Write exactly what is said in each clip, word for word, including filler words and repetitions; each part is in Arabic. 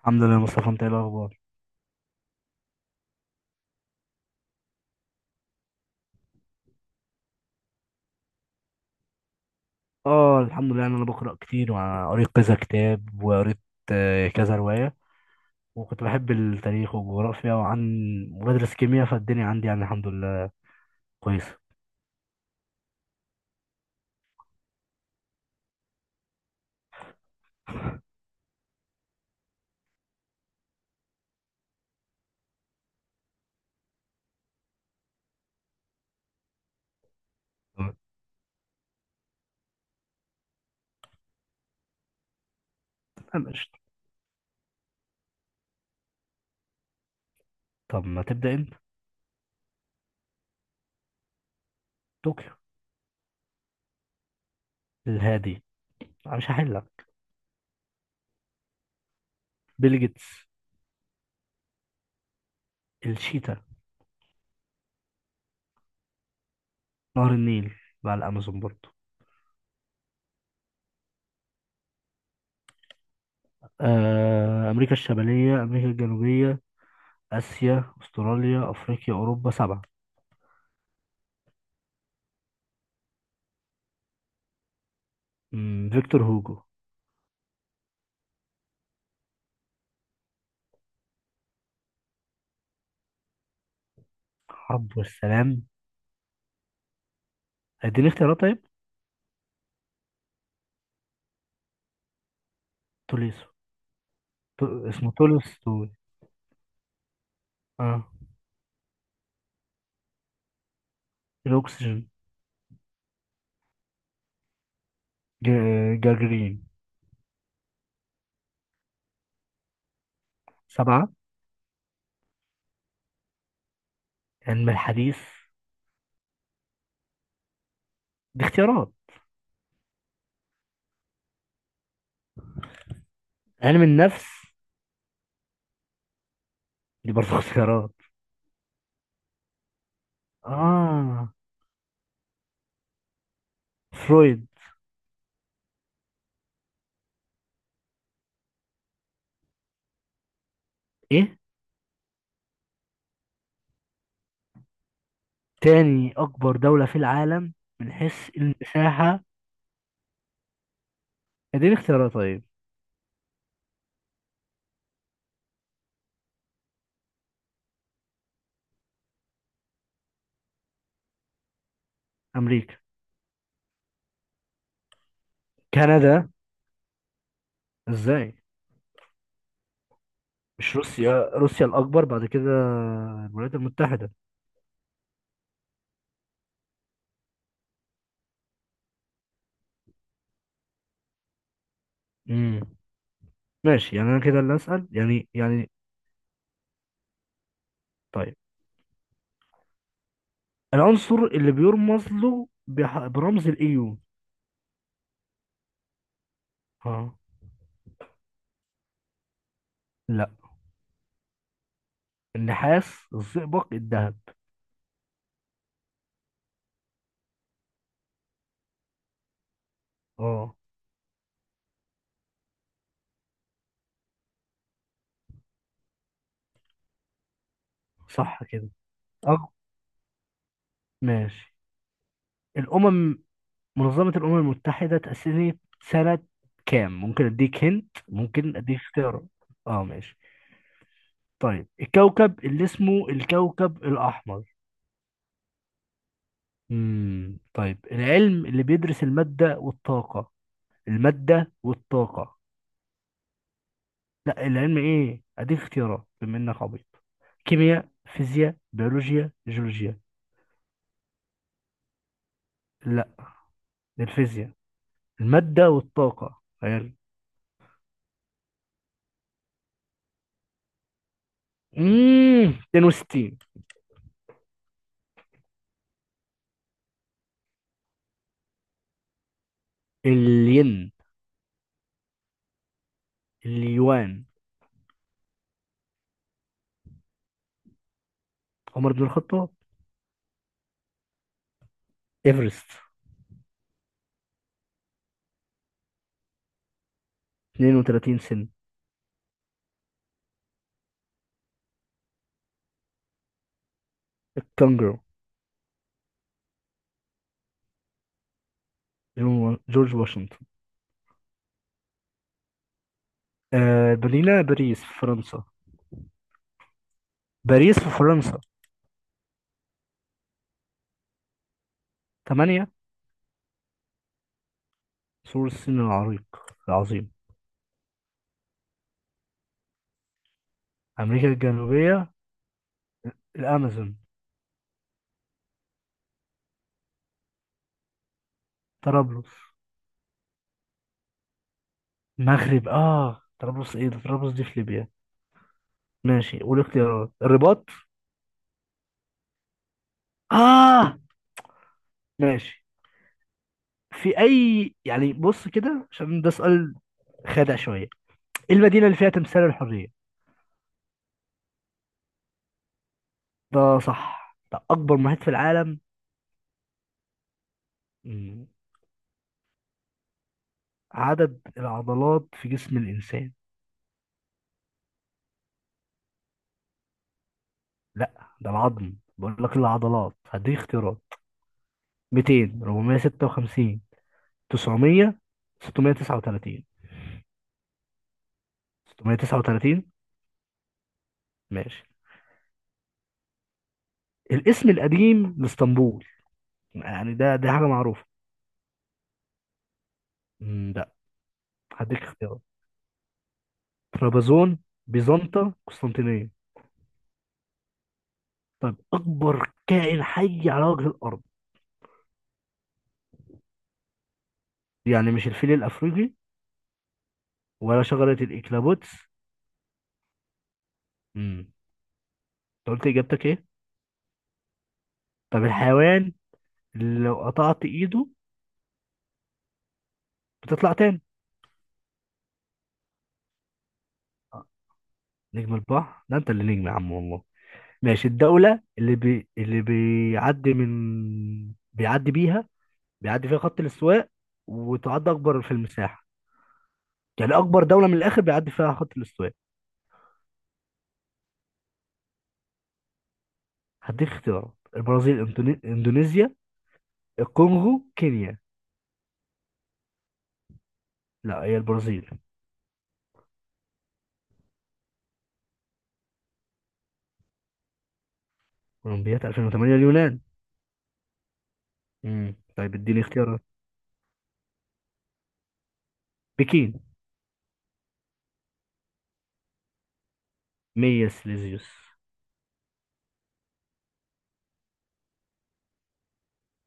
الحمد لله يا مصطفى، انت ايه الاخبار؟ اه، الحمد لله. يعني انا بقرا كتير وقريت كذا كتاب وقريت آه، كذا روايه. وكنت بحب التاريخ والجغرافيا وعن وبدرس كيمياء، فالدنيا عندي يعني الحمد لله كويسه. تمام، انا قشطة. طب ما تبدا انت. طوكيو. الهادي. أنا مش هحلك. بيل جيتس. الشيتا. نهر النيل مع الامازون برضه. آه، امريكا الشماليه، امريكا الجنوبيه، اسيا، استراليا، افريقيا، اوروبا، سبعه. مم، فيكتور هوجو. حرب والسلام. اديني اختيارات طيب. توليسو. تو- اسمه تولستوي. اه. الأكسجين. جا- جاجرين. سبعة. علم الحديث. دي اختيارات. علم النفس. دي برضه اختيارات. اه. فرويد. ايه؟ تاني أكبر دولة في العالم من حيث المساحة. اديني اختيارات طيب. أمريكا. كندا. ازاي؟ مش روسيا، روسيا الأكبر بعد كده الولايات المتحدة. امم. ماشي يعني أنا كده اللي أسأل يعني يعني طيب، العنصر اللي بيرمز له بح... برمز الايو. اه. لا. النحاس، الزئبق، الذهب. اه. صح كده. اه، ماشي. الامم، منظمة الامم المتحدة تأسست سنة كام؟ ممكن اديك هنت ممكن اديك اختيارات. اه، ماشي. طيب، الكوكب اللي اسمه الكوكب الاحمر. امم. طيب، العلم اللي بيدرس المادة والطاقة، المادة والطاقة. لا، العلم ايه؟ اديك اختيارات بما انك عبيط. كيمياء، فيزياء، بيولوجيا، جيولوجيا. لا، الفيزياء. المادة والطاقة غير. اممم اتنين وستين. الين. اليوان. عمر بن الخطاب. ايفرست. اثنين وثلاثين سن. الكونغرو. جون- جورج واشنطن. آه، مدينة باريس في فرنسا. باريس في فرنسا. تمانية. سور الصين العريق العظيم. أمريكا الجنوبية. الأمازون. طرابلس. المغرب، آه، طرابلس، إيه ده؟ طرابلس دي في ليبيا. ماشي، والاختيارات؟ الرباط. آه، ماشي. في أي يعني بص كده، عشان ده سؤال خادع شوية. إيه المدينة اللي فيها تمثال الحرية؟ ده صح. ده أكبر محيط في العالم. مم. عدد العضلات في جسم الإنسان. لا، ده العظم، بقول لك العضلات. هديك اختيارات. مئتين، أربعمائة وستة وخمسين، تسعمية، ستمية تسعة وتلاتين. ستمية تسعة وتلاتين. ماشي. الاسم القديم لاسطنبول. يعني ده ده حاجة معروفة. مم، لا. هديك اختيارات. طرابزون، بيزنطة، قسطنطينية. طب أكبر كائن حي على وجه الأرض. يعني مش الفيل الأفريقي؟ ولا شجرة الإكلابوتس. امم. أنت قلت إجابتك إيه؟ طب، الحيوان اللي لو قطعت إيده بتطلع تاني. نجم البحر. ده أنت اللي نجم يا عم والله. ماشي، الدولة اللي بي... اللي بيعدي من بيعدي بيها بيعدي فيها خط الاستواء وتعد أكبر في المساحة، يعني أكبر دولة من الآخر بيعدي فيها خط الاستواء. هديك اختيارات، البرازيل، إندوني- إندونيسيا، الكونغو، كينيا. لا، هي البرازيل. اولمبياد ألفين وتمانية اليونان. امم، طيب اديني اختيارات. بكين. مائة سليزيوس.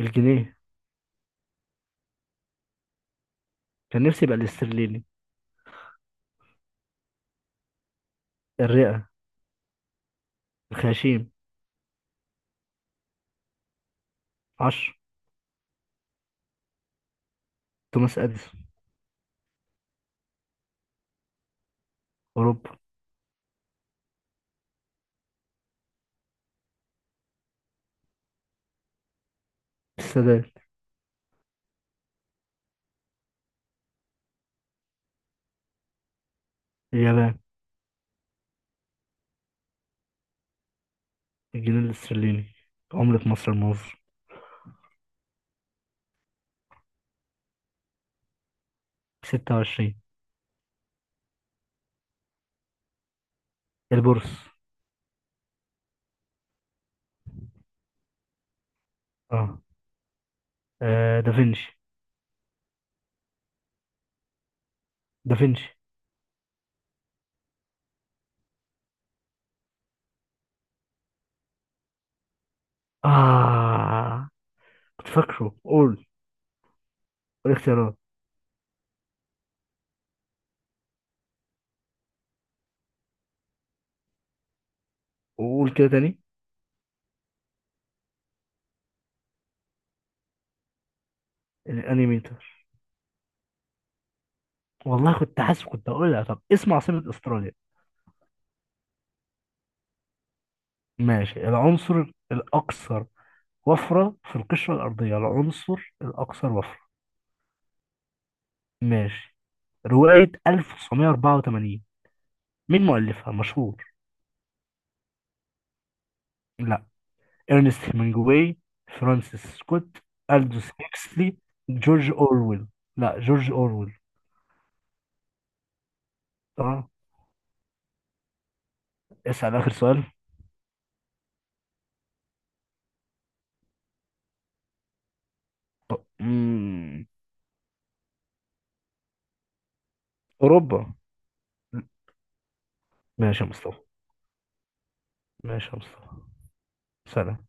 الجنيه. كان نفسي يبقى الاسترليني. الرئة. الخياشيم. عشرة. توماس اديسون. اوروبا. السادات. اليابان. الجنيه الاسترليني، عملة مصر المصري. ستة وعشرين. البورصة. اه, آه دافنشي. دافنشي. اه، كنت فاكره. قول، قول اختيارات. وقول كده تاني. الانيميتر. والله كنت حاسس كنت هقولها. طب، اسم عاصمة استراليا. ماشي. العنصر الأكثر وفرة في القشرة الأرضية، العنصر الأكثر وفرة ماشي. رواية ألف وتسعمية أربعة وتمانين، مين مؤلفها مشهور؟ لا، إرنست هيمنجواي، فرانسيس سكوت، ألدوس هيكسلي، جورج أورويل. لا، جورج أورويل. اه. اسأل آخر سؤال. طب، مم. أوروبا. ماشي يا مصطفى. ماشي يا مصطفى. سلام.